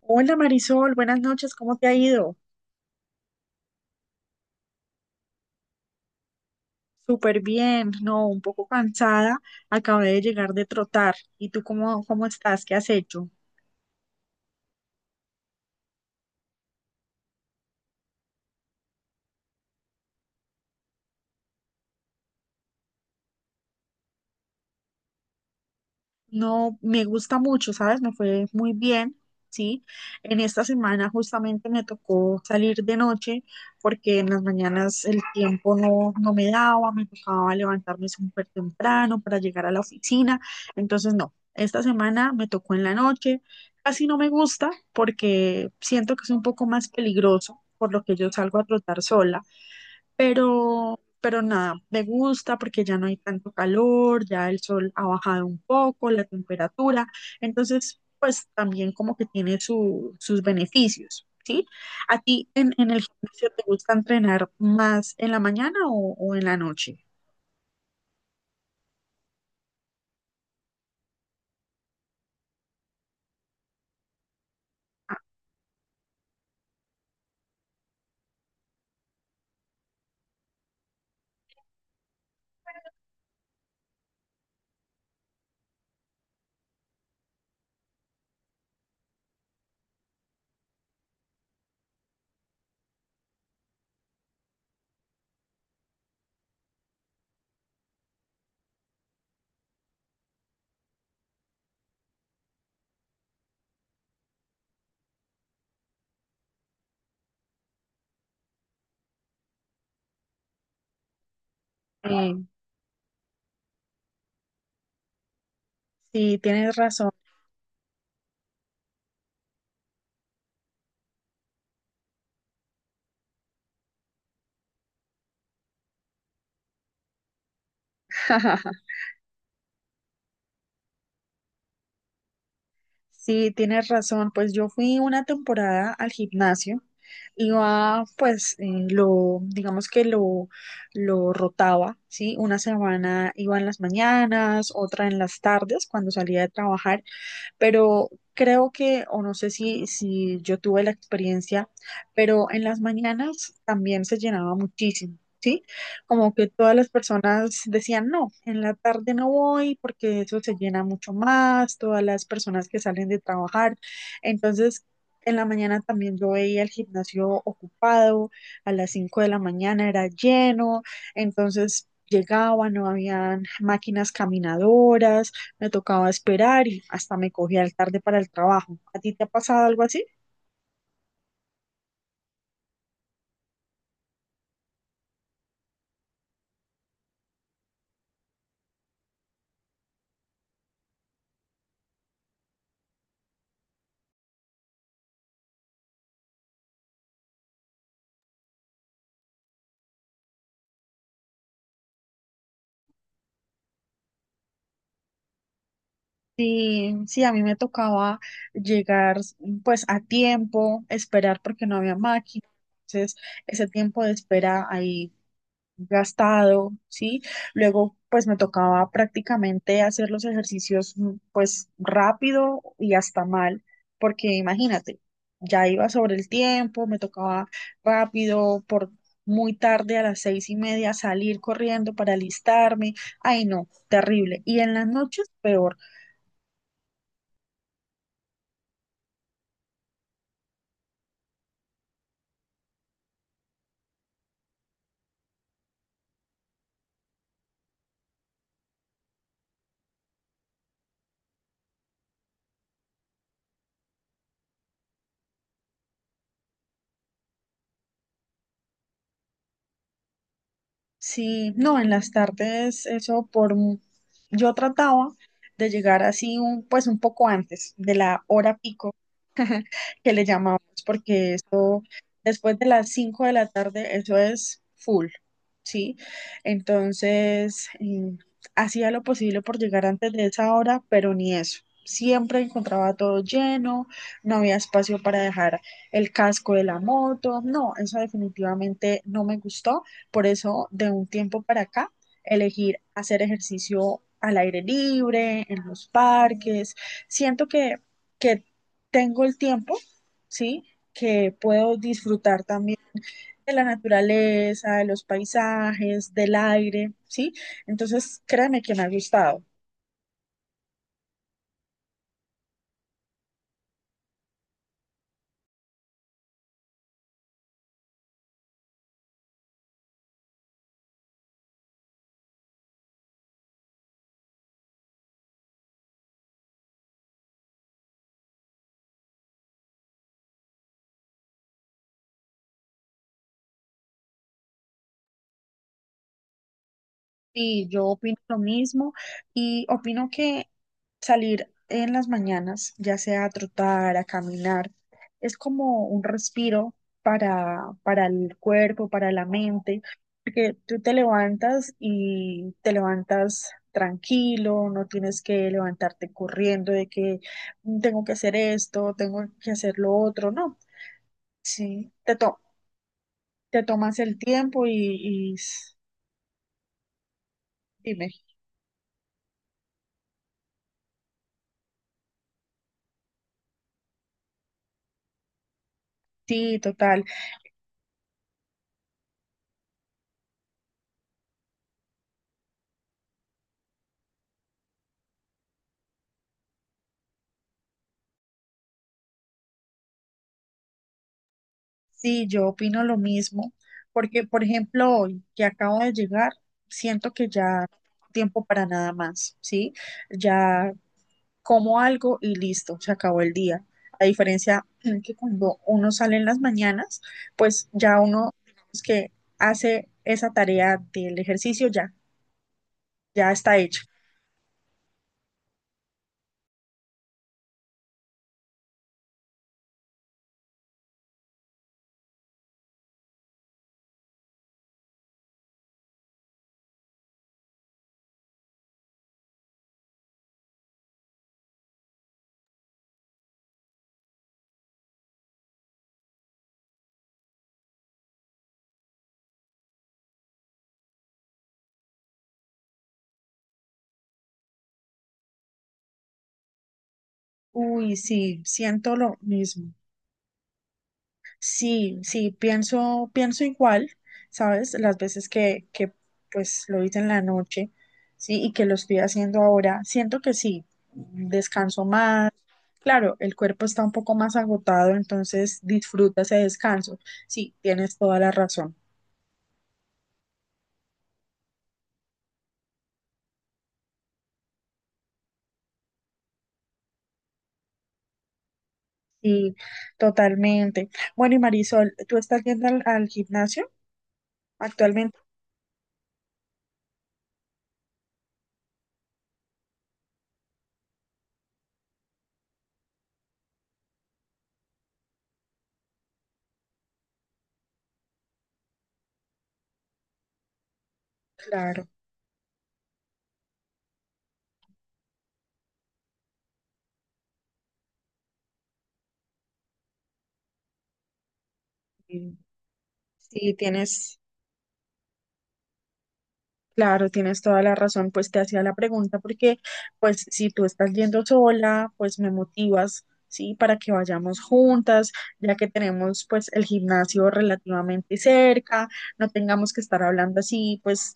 Hola Marisol, buenas noches, ¿cómo te ha ido? Súper bien, no, un poco cansada, acabé de llegar de trotar. ¿Y tú cómo estás? ¿Qué has hecho? No, me gusta mucho, ¿sabes? Me fue muy bien, ¿sí? En esta semana justamente me tocó salir de noche porque en las mañanas el tiempo no me daba, me tocaba levantarme súper temprano para llegar a la oficina. Entonces, no, esta semana me tocó en la noche. Casi no me gusta porque siento que es un poco más peligroso, por lo que yo salgo a trotar sola, pero nada, me gusta porque ya no hay tanto calor, ya el sol ha bajado un poco, la temperatura, entonces pues también como que tiene sus beneficios, ¿sí? ¿A ti en el gimnasio te gusta entrenar más en la mañana o en la noche? Eh, sí, tienes razón. Sí, tienes razón. Pues yo fui una temporada al gimnasio. Iba, pues, digamos que lo rotaba, ¿sí? Una semana iba en las mañanas, otra en las tardes cuando salía de trabajar, pero creo que, o no sé si yo tuve la experiencia, pero en las mañanas también se llenaba muchísimo. ¿Sí? Como que todas las personas decían, no, en la tarde no voy porque eso se llena mucho más, todas las personas que salen de trabajar. Entonces, en la mañana también yo veía el gimnasio ocupado, a las 5 de la mañana era lleno, entonces llegaba, no habían máquinas caminadoras, me tocaba esperar y hasta me cogía el tarde para el trabajo. ¿A ti te ha pasado algo así? Sí, sí, a mí me tocaba llegar pues a tiempo, esperar porque no había máquina. Entonces, ese tiempo de espera ahí gastado, ¿sí? Luego, pues me tocaba prácticamente hacer los ejercicios, pues rápido y hasta mal, porque imagínate, ya iba sobre el tiempo, me tocaba rápido, por muy tarde a las 6:30 salir corriendo para alistarme. Ay, no, terrible. Y en las noches, peor. Sí, no, en las tardes, eso. Yo trataba de llegar así un, pues un poco antes de la hora pico que le llamamos, porque eso, después de las 5 de la tarde, eso es full. ¿Sí? Entonces, hacía lo posible por llegar antes de esa hora, pero ni eso. Siempre encontraba todo lleno, no había espacio para dejar el casco de la moto. No, eso definitivamente no me gustó. Por eso, de un tiempo para acá, elegir hacer ejercicio al aire libre, en los parques. Siento que tengo el tiempo, ¿sí? Que puedo disfrutar también de la naturaleza, de los paisajes, del aire, ¿sí? Entonces, créeme que me ha gustado. Y yo opino lo mismo y opino que salir en las mañanas, ya sea a trotar, a caminar, es como un respiro para el cuerpo, para la mente, porque tú te levantas y te levantas tranquilo, no tienes que levantarte corriendo de que "Mm, tengo que hacer esto, tengo que hacer lo otro, no". Sí, te tomas el tiempo dime, sí, total, sí, yo opino lo mismo, porque por ejemplo, hoy que acabo de llegar, siento que ya no tengo tiempo para nada más, ¿sí? Ya como algo y listo, se acabó el día. A diferencia que cuando uno sale en las mañanas, pues ya uno, digamos que hace esa tarea del ejercicio, ya está hecho. Uy, sí, siento lo mismo. Sí, sí, pienso igual, ¿sabes? Las veces que pues lo hice en la noche, sí, y que lo estoy haciendo ahora, siento que sí, descanso más. Claro, el cuerpo está un poco más agotado, entonces disfruta ese descanso. Sí, tienes toda la razón. Sí, totalmente. Bueno, y Marisol, ¿tú estás yendo al gimnasio actualmente? Claro. Sí, sí, tienes claro, tienes toda la razón, pues te hacía la pregunta porque pues si tú estás yendo sola, pues me motivas, ¿sí? Para que vayamos juntas, ya que tenemos pues el gimnasio relativamente cerca, no tengamos que estar hablando así pues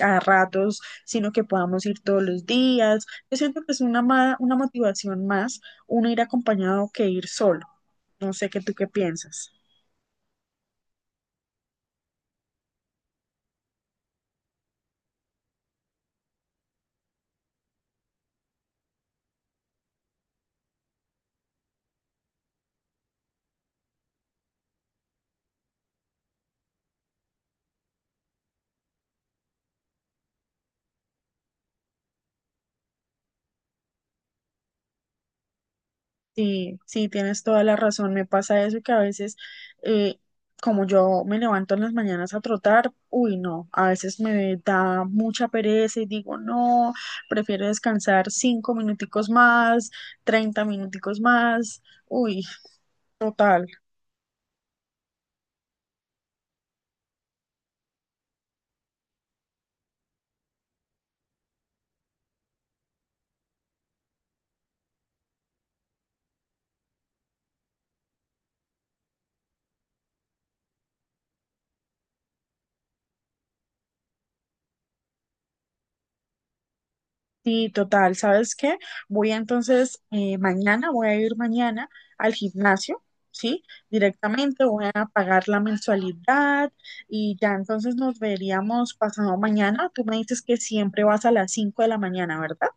a ratos, sino que podamos ir todos los días. Yo siento que es una motivación más uno ir acompañado que ir solo. No sé qué tú qué piensas. Sí, sí, tienes toda la razón. Me pasa eso que a veces, eh, como yo me levanto en las mañanas a trotar, uy, no, a veces me da mucha pereza y digo, no, prefiero descansar 5 minuticos más, 30 minuticos más. Uy, total. Sí, total. ¿Sabes qué? Voy entonces, mañana, voy a ir mañana al gimnasio, ¿sí? Directamente voy a pagar la mensualidad y ya entonces nos veríamos pasado mañana. Tú me dices que siempre vas a las 5 de la mañana, ¿verdad?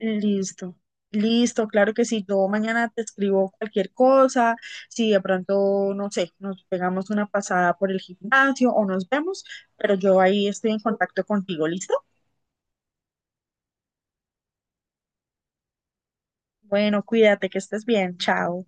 Listo, listo, claro que sí. Yo mañana te escribo cualquier cosa. Si de pronto, no sé, nos pegamos una pasada por el gimnasio o nos vemos, pero yo ahí estoy en contacto contigo, ¿listo? Bueno, cuídate, que estés bien. Chao.